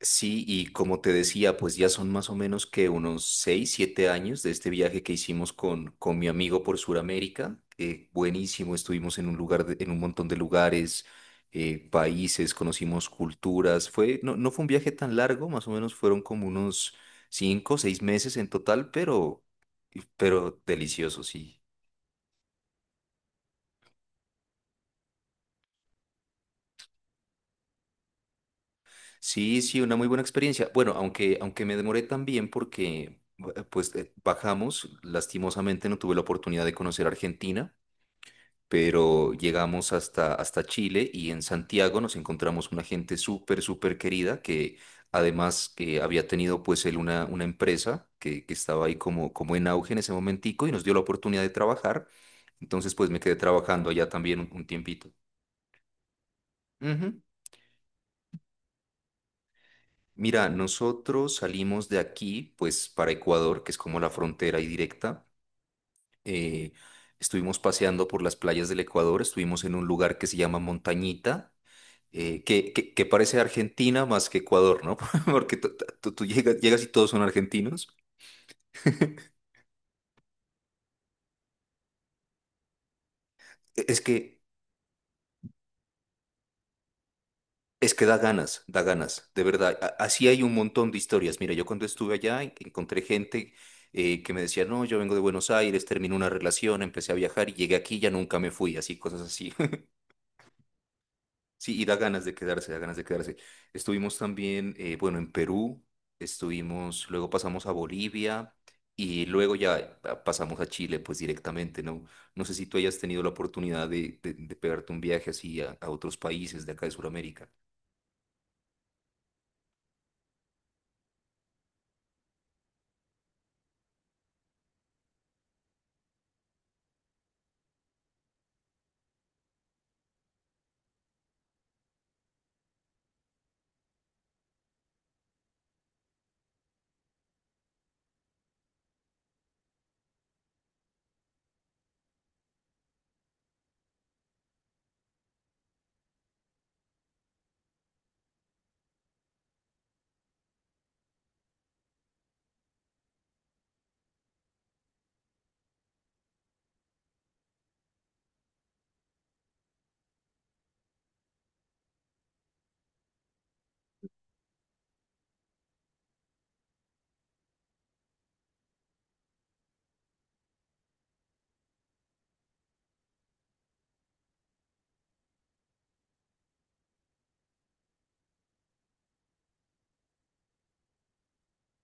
Sí, y como te decía, pues ya son más o menos que unos 6 7 años de este viaje que hicimos con mi amigo por Sudamérica. Buenísimo, estuvimos en un lugar, en un montón de lugares, países, conocimos culturas. No, no fue un viaje tan largo, más o menos fueron como unos 5 6 meses en total, pero delicioso, sí. Sí, sí, una muy buena experiencia. Bueno, aunque me demoré también porque, pues, bajamos, lastimosamente no tuve la oportunidad de conocer Argentina, pero llegamos hasta Chile y en Santiago nos encontramos una gente súper, súper querida que además que había tenido, pues, él una empresa que estaba ahí como en auge en ese momentico y nos dio la oportunidad de trabajar. Entonces, pues, me quedé trabajando allá también un tiempito. Ujú. Mira, nosotros salimos de aquí, pues para Ecuador, que es como la frontera y directa. Eh, Estuvimos paseando por las playas del Ecuador, estuvimos en un lugar que se llama Montañita, que parece Argentina más que Ecuador, ¿no? Porque tú llegas y todos son argentinos. Es que Es que da ganas, de verdad. Así hay un montón de historias. Mira, yo cuando estuve allá encontré gente que me decía, no, yo vengo de Buenos Aires, terminé una relación, empecé a viajar y llegué aquí y ya nunca me fui, así, cosas así. Sí, y da ganas de quedarse, da ganas de quedarse. Estuvimos también, bueno, en Perú, estuvimos, luego pasamos a Bolivia y luego ya pasamos a Chile, pues directamente, ¿no? No sé si tú hayas tenido la oportunidad de pegarte un viaje así a otros países de acá de Sudamérica.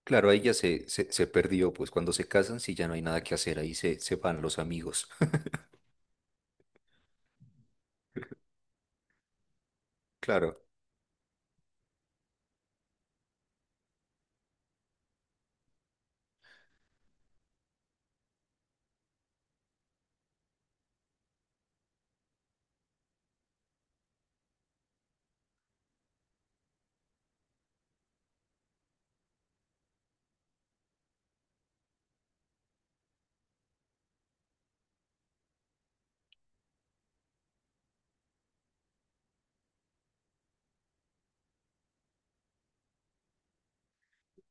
Claro, ahí ya se perdió, pues cuando se casan, sí, ya no hay nada que hacer, ahí se van los amigos. Claro,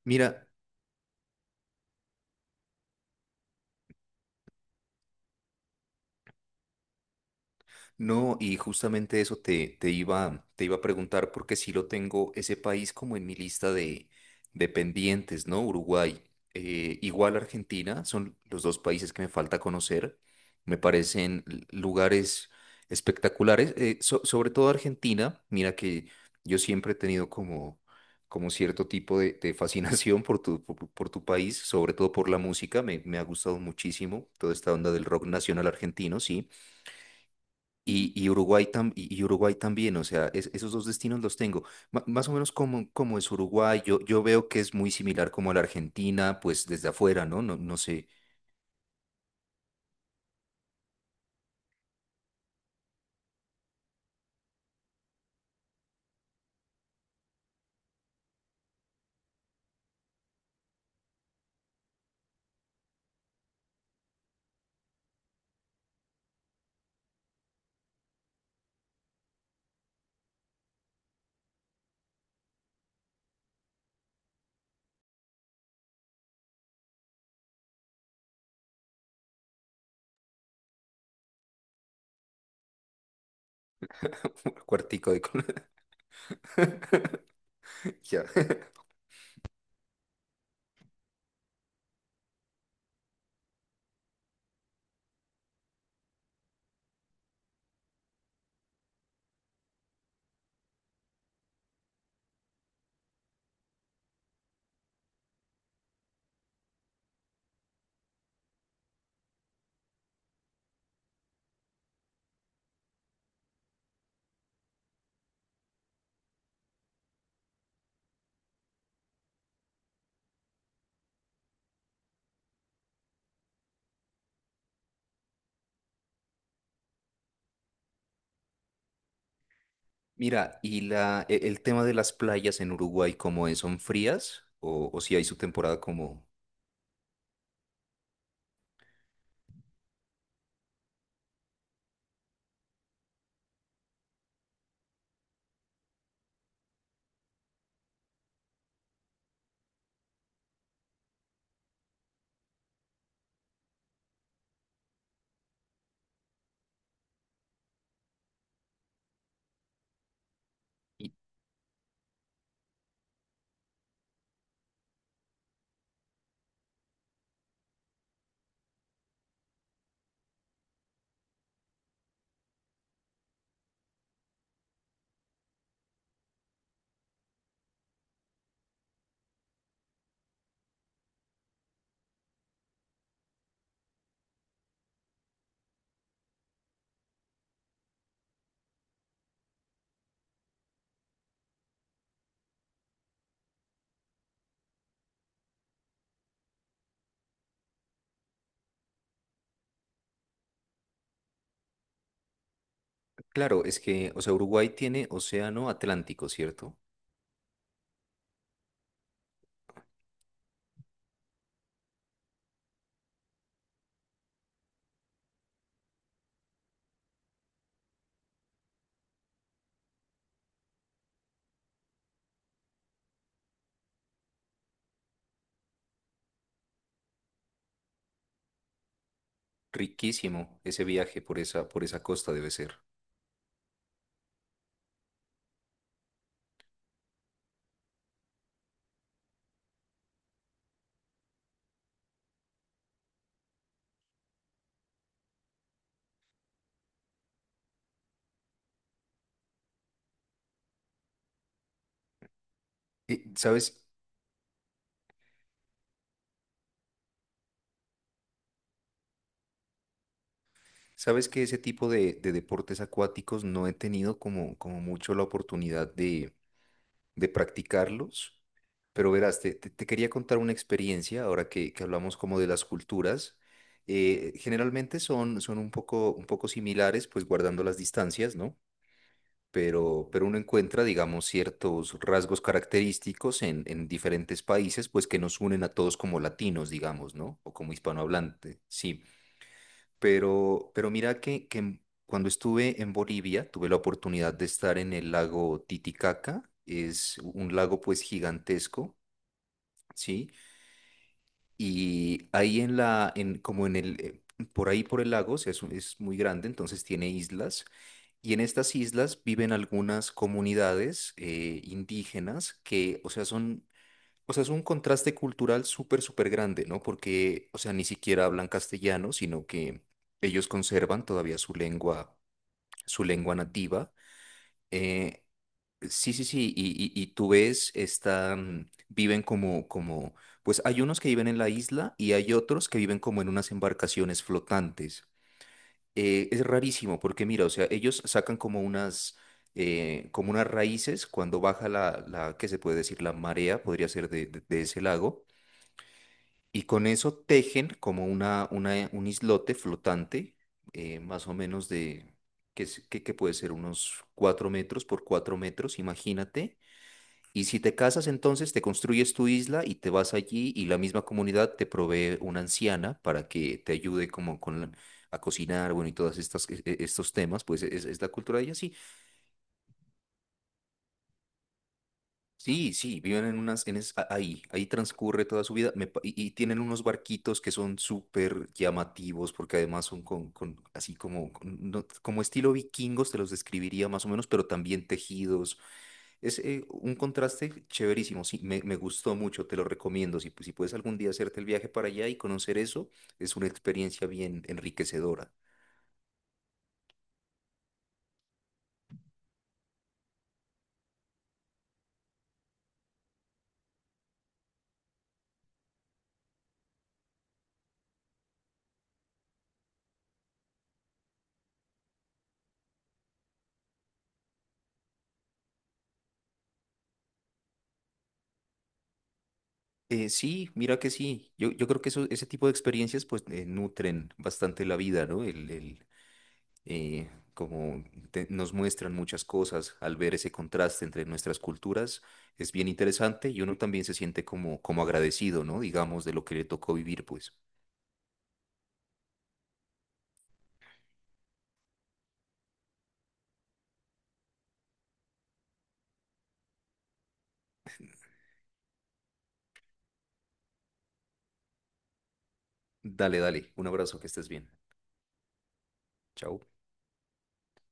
mira. No, y justamente eso te iba a preguntar, porque sí lo tengo ese país como en mi lista de pendientes, ¿no? Uruguay, igual Argentina, son los dos países que me falta conocer. Me parecen lugares espectaculares, sobre todo Argentina. Mira que yo siempre he tenido como cierto tipo de fascinación por por tu país, sobre todo por la música. Me ha gustado muchísimo toda esta onda del rock nacional argentino, sí. Y Uruguay también, o sea, esos dos destinos los tengo. Más o menos como es Uruguay, yo veo que es muy similar como a la Argentina, pues desde afuera, ¿no? No, no sé. Cuartico de... Ya. Mira, y el tema de las playas en Uruguay, ¿cómo es? ¿Son frías? O si hay su temporada como... Claro, es que, o sea, Uruguay tiene océano Atlántico, ¿cierto? Riquísimo ese viaje por por esa costa debe ser. Y, ¿sabes? Sabes que ese tipo de deportes acuáticos no he tenido como mucho la oportunidad de practicarlos, pero verás, te quería contar una experiencia ahora que hablamos como de las culturas. Generalmente son un poco similares, pues guardando las distancias, ¿no? Pero uno encuentra, digamos, ciertos rasgos característicos en diferentes países, pues que nos unen a todos como latinos, digamos, ¿no? O como hispanohablantes, sí. Pero mira que cuando estuve en Bolivia, tuve la oportunidad de estar en el lago Titicaca, es un lago pues gigantesco, ¿sí? Y ahí en la, en, como en el, por ahí por el lago, o sea, es muy grande, entonces tiene islas, y en estas islas viven algunas comunidades indígenas que, o sea, son o sea, es un contraste cultural súper, súper grande, ¿no? Porque, o sea, ni siquiera hablan castellano, sino que ellos conservan todavía su lengua nativa. Eh, sí, sí, sí, y, y tú ves, viven pues hay unos que viven en la isla y hay otros que viven como en unas embarcaciones flotantes. Es rarísimo porque, mira, o sea, ellos sacan como unas raíces cuando baja ¿qué se puede decir? La marea, podría ser de ese lago. Y con eso tejen como un islote flotante, más o menos de, que, es- que puede ser unos 4 metros por 4 metros, imagínate. Y si te casas, entonces te construyes tu isla y te vas allí y la misma comunidad te provee una anciana para que te ayude como a cocinar, bueno, y todas estos temas, pues es la cultura de ellas. Sí, sí, sí, viven en unas, en es- a- ahí, ahí transcurre toda su vida y tienen unos barquitos que son súper llamativos porque además son con así como, como estilo vikingos, te los describiría más o menos, pero también tejidos. Es un contraste chéverísimo, sí, me gustó mucho, te lo recomiendo. Si puedes algún día hacerte el viaje para allá y conocer eso, es una experiencia bien enriquecedora. Sí, mira que sí. Yo creo que eso, ese tipo de experiencias pues nutren bastante la vida, ¿no? Eh, como Nos muestran muchas cosas al ver ese contraste entre nuestras culturas, es bien interesante y uno también se siente como agradecido, ¿no? Digamos, de lo que le tocó vivir, pues. Dale, dale, un abrazo, que estés bien. Chao.